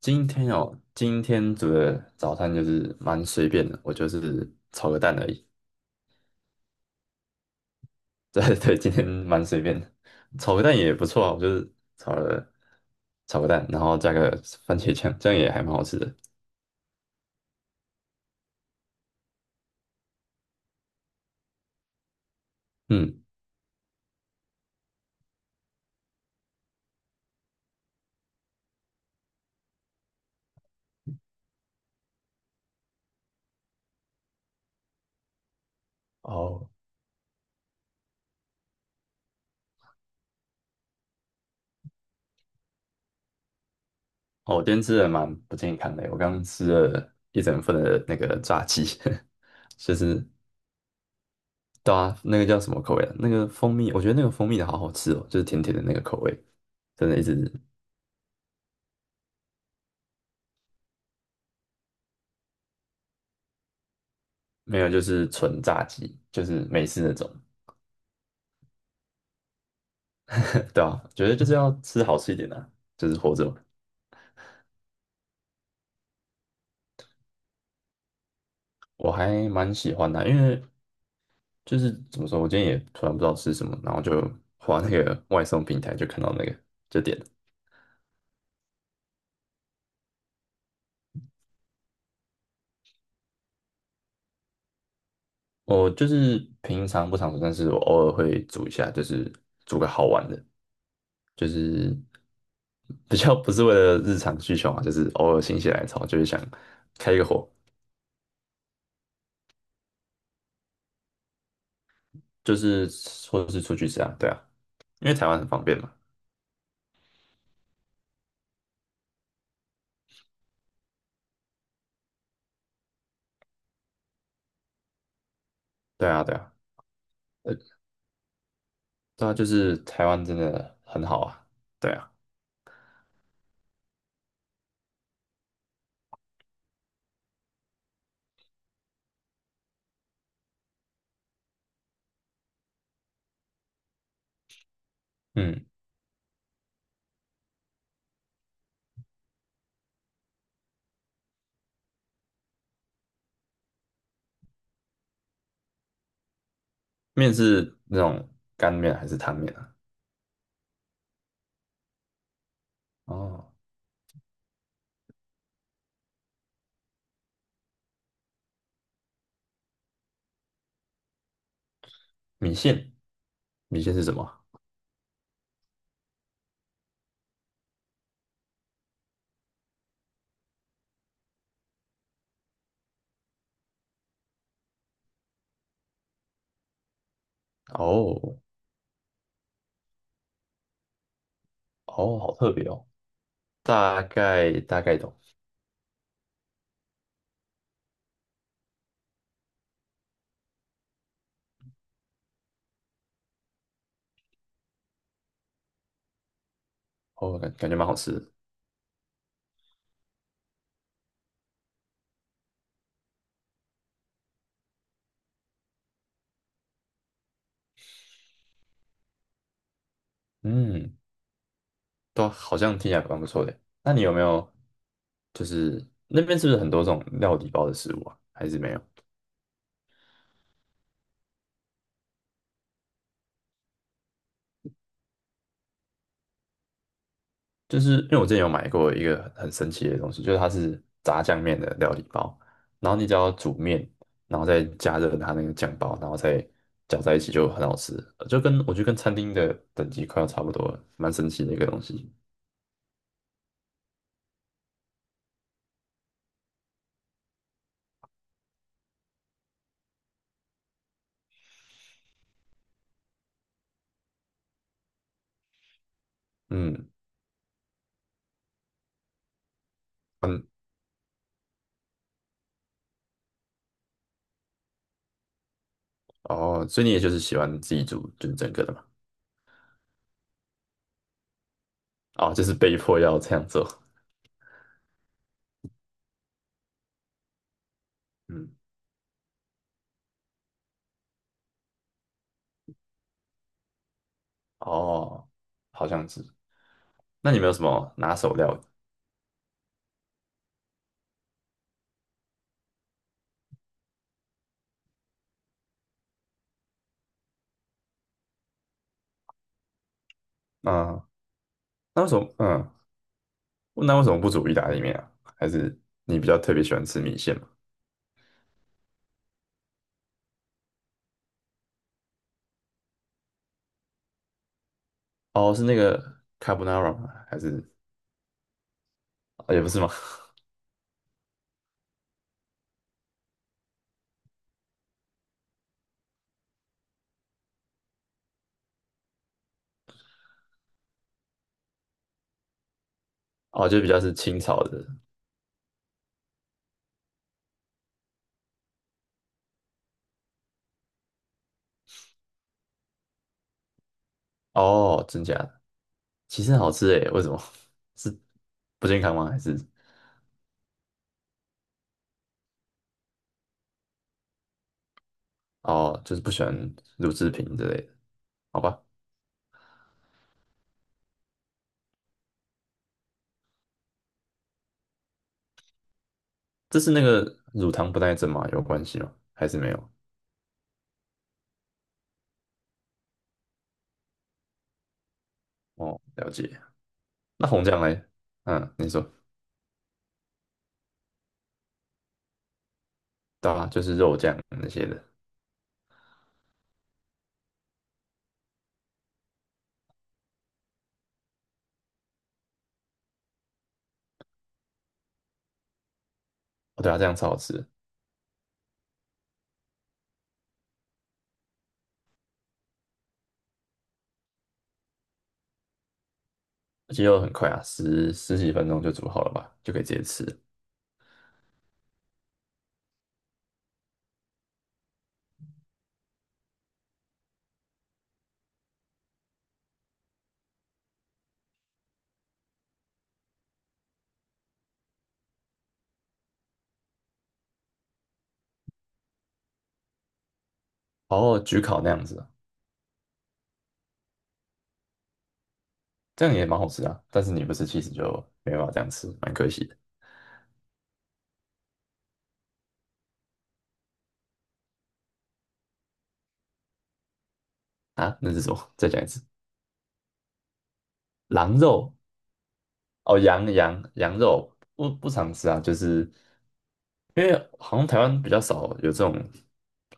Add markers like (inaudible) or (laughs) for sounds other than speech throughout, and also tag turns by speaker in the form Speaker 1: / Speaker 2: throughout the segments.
Speaker 1: 今天哦，今天煮的早餐就是蛮随便的，我就是炒个蛋而已。(laughs) 对对，今天蛮随便的，炒个蛋也不错啊。我就是炒了炒个蛋，然后加个番茄酱，这样也还蛮好吃的。嗯，哦，哦，我今天吃的蛮不健康的，我刚刚吃了一整份的那个炸鸡，(laughs) 就是对啊，那个叫什么口味啊？那个蜂蜜，我觉得那个蜂蜜的好好吃哦，就是甜甜的那个口味，真的一直没有，就是纯炸鸡，就是美式那种。(laughs) 对啊，觉得就是要吃好吃一点的啊，就是活着嘛。我还蛮喜欢的啊，因为就是怎么说，我今天也突然不知道吃什么，然后就滑那个外送平台，就看到那个就点了。我就是平常不常煮，但是我偶尔会煮一下，就是煮个好玩的，就是 (laughs) 比较不是为了日常需求嘛，就是偶尔心血来潮，就是想开一个火，就是或者是出去吃啊，对啊，因为台湾很方便嘛。对啊，对啊，呃，对啊，就是台湾真的很好啊。对啊，嗯，面是那种干面还是汤面啊？哦，米线，米线是什么？哦，哦，好特别哦，大概懂，哦，感觉蛮好吃的。嗯，都好像听起来蛮不错的。那你有没有就是那边是不是很多这种料理包的食物啊？还是没有？就是因为我之前有买过一个很神奇的东西，就是它是炸酱面的料理包，然后你只要煮面，然后再加热它那个酱包，然后再搅在一起就很好吃，就跟我觉得跟餐厅的等级快要差不多了，蛮神奇的一个东西。嗯，嗯，哦，所以你也就是喜欢自己煮就是整个的嘛？哦，就是被迫要这样做。嗯，哦，好像是。那你们有什么拿手料理？嗯，那为什么？嗯，那为什么不煮意大利面啊？还是你比较特别喜欢吃米线吗？哦，是那个 carbonara 吗？还是哦也不是吗？(laughs) 哦，就比较是清炒的。哦，真假的？其实很好吃诶，为什么？(laughs) 是不健康吗？还是哦，就是不喜欢乳制品之类的？好吧，这是那个乳糖不耐症吗？有关系吗？还是没有？哦，了解。那红酱嘞？嗯，你说，对啊，就是肉酱那些的。哦，对啊，这样超好吃。鸡肉很快啊，十几分钟就煮好了吧，就可以直接吃，然后焗烤那样子啊，这样也蛮好吃啊。但是你不吃其实就没办法这样吃，蛮可惜的啊。那是什么？(laughs) 再讲一次，狼肉哦，羊肉不常吃啊，就是因为好像台湾比较少有这种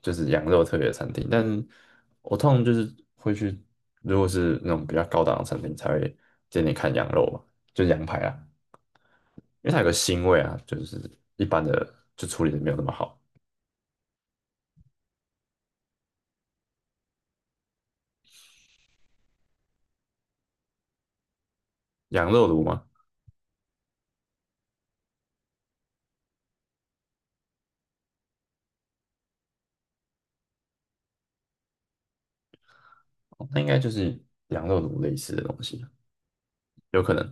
Speaker 1: 就是羊肉特别的餐厅，但是我通常就是会去，如果是那种比较高档的餐厅才会点点看羊肉嘛，就羊排啊。因为它有个腥味啊，就是一般的就处理的没有那么好。羊肉炉吗？哦，那应该就是羊肉炉类似的东西，有可能。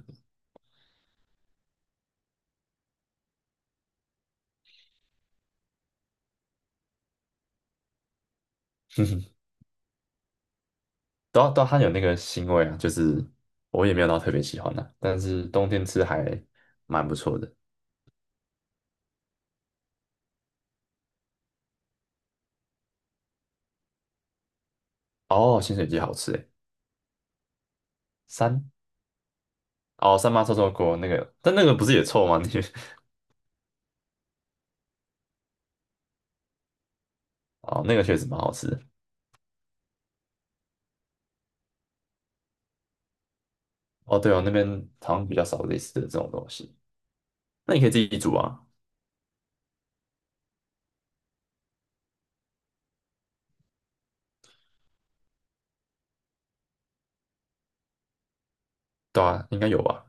Speaker 1: (laughs) 都它有那个腥味啊，就是我也没有到特别喜欢的、但是冬天吃还蛮不错的。哦，鲜水鸡好吃诶，三哦三妈臭臭锅那个，但那个不是也臭吗？那个 (laughs) 哦那个确实蛮好吃的，哦对哦，那边好像比较少类似的这种东西，那你可以自己煮啊，对啊，应该有吧？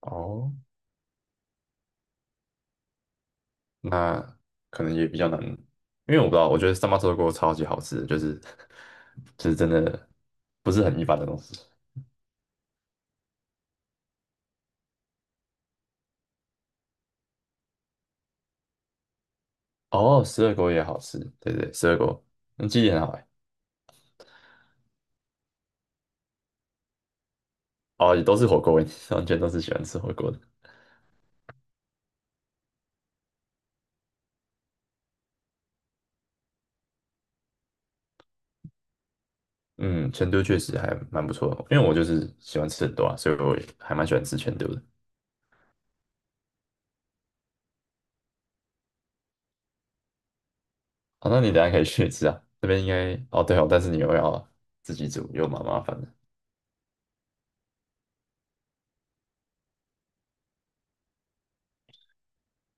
Speaker 1: 哦，那可能也比较难，因为我不知道，我觉得三八臭豆锅超级好吃就是 (laughs) 就是真的不是很一般的东西。哦，十二锅也好吃，对对，十二锅，嗯，记忆很好哎。哦，也都是火锅味，(laughs) 完全都是喜欢吃火锅的。嗯，成都确实还蛮不错的，因为我就是喜欢吃很多啊，所以我也还蛮喜欢吃成都的。好，那你等一下可以去吃啊，这边应该哦对哦，但是你又要自己煮，又蛮麻烦的。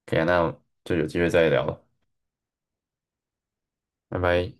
Speaker 1: 可以啊，那就有机会再聊了，拜拜。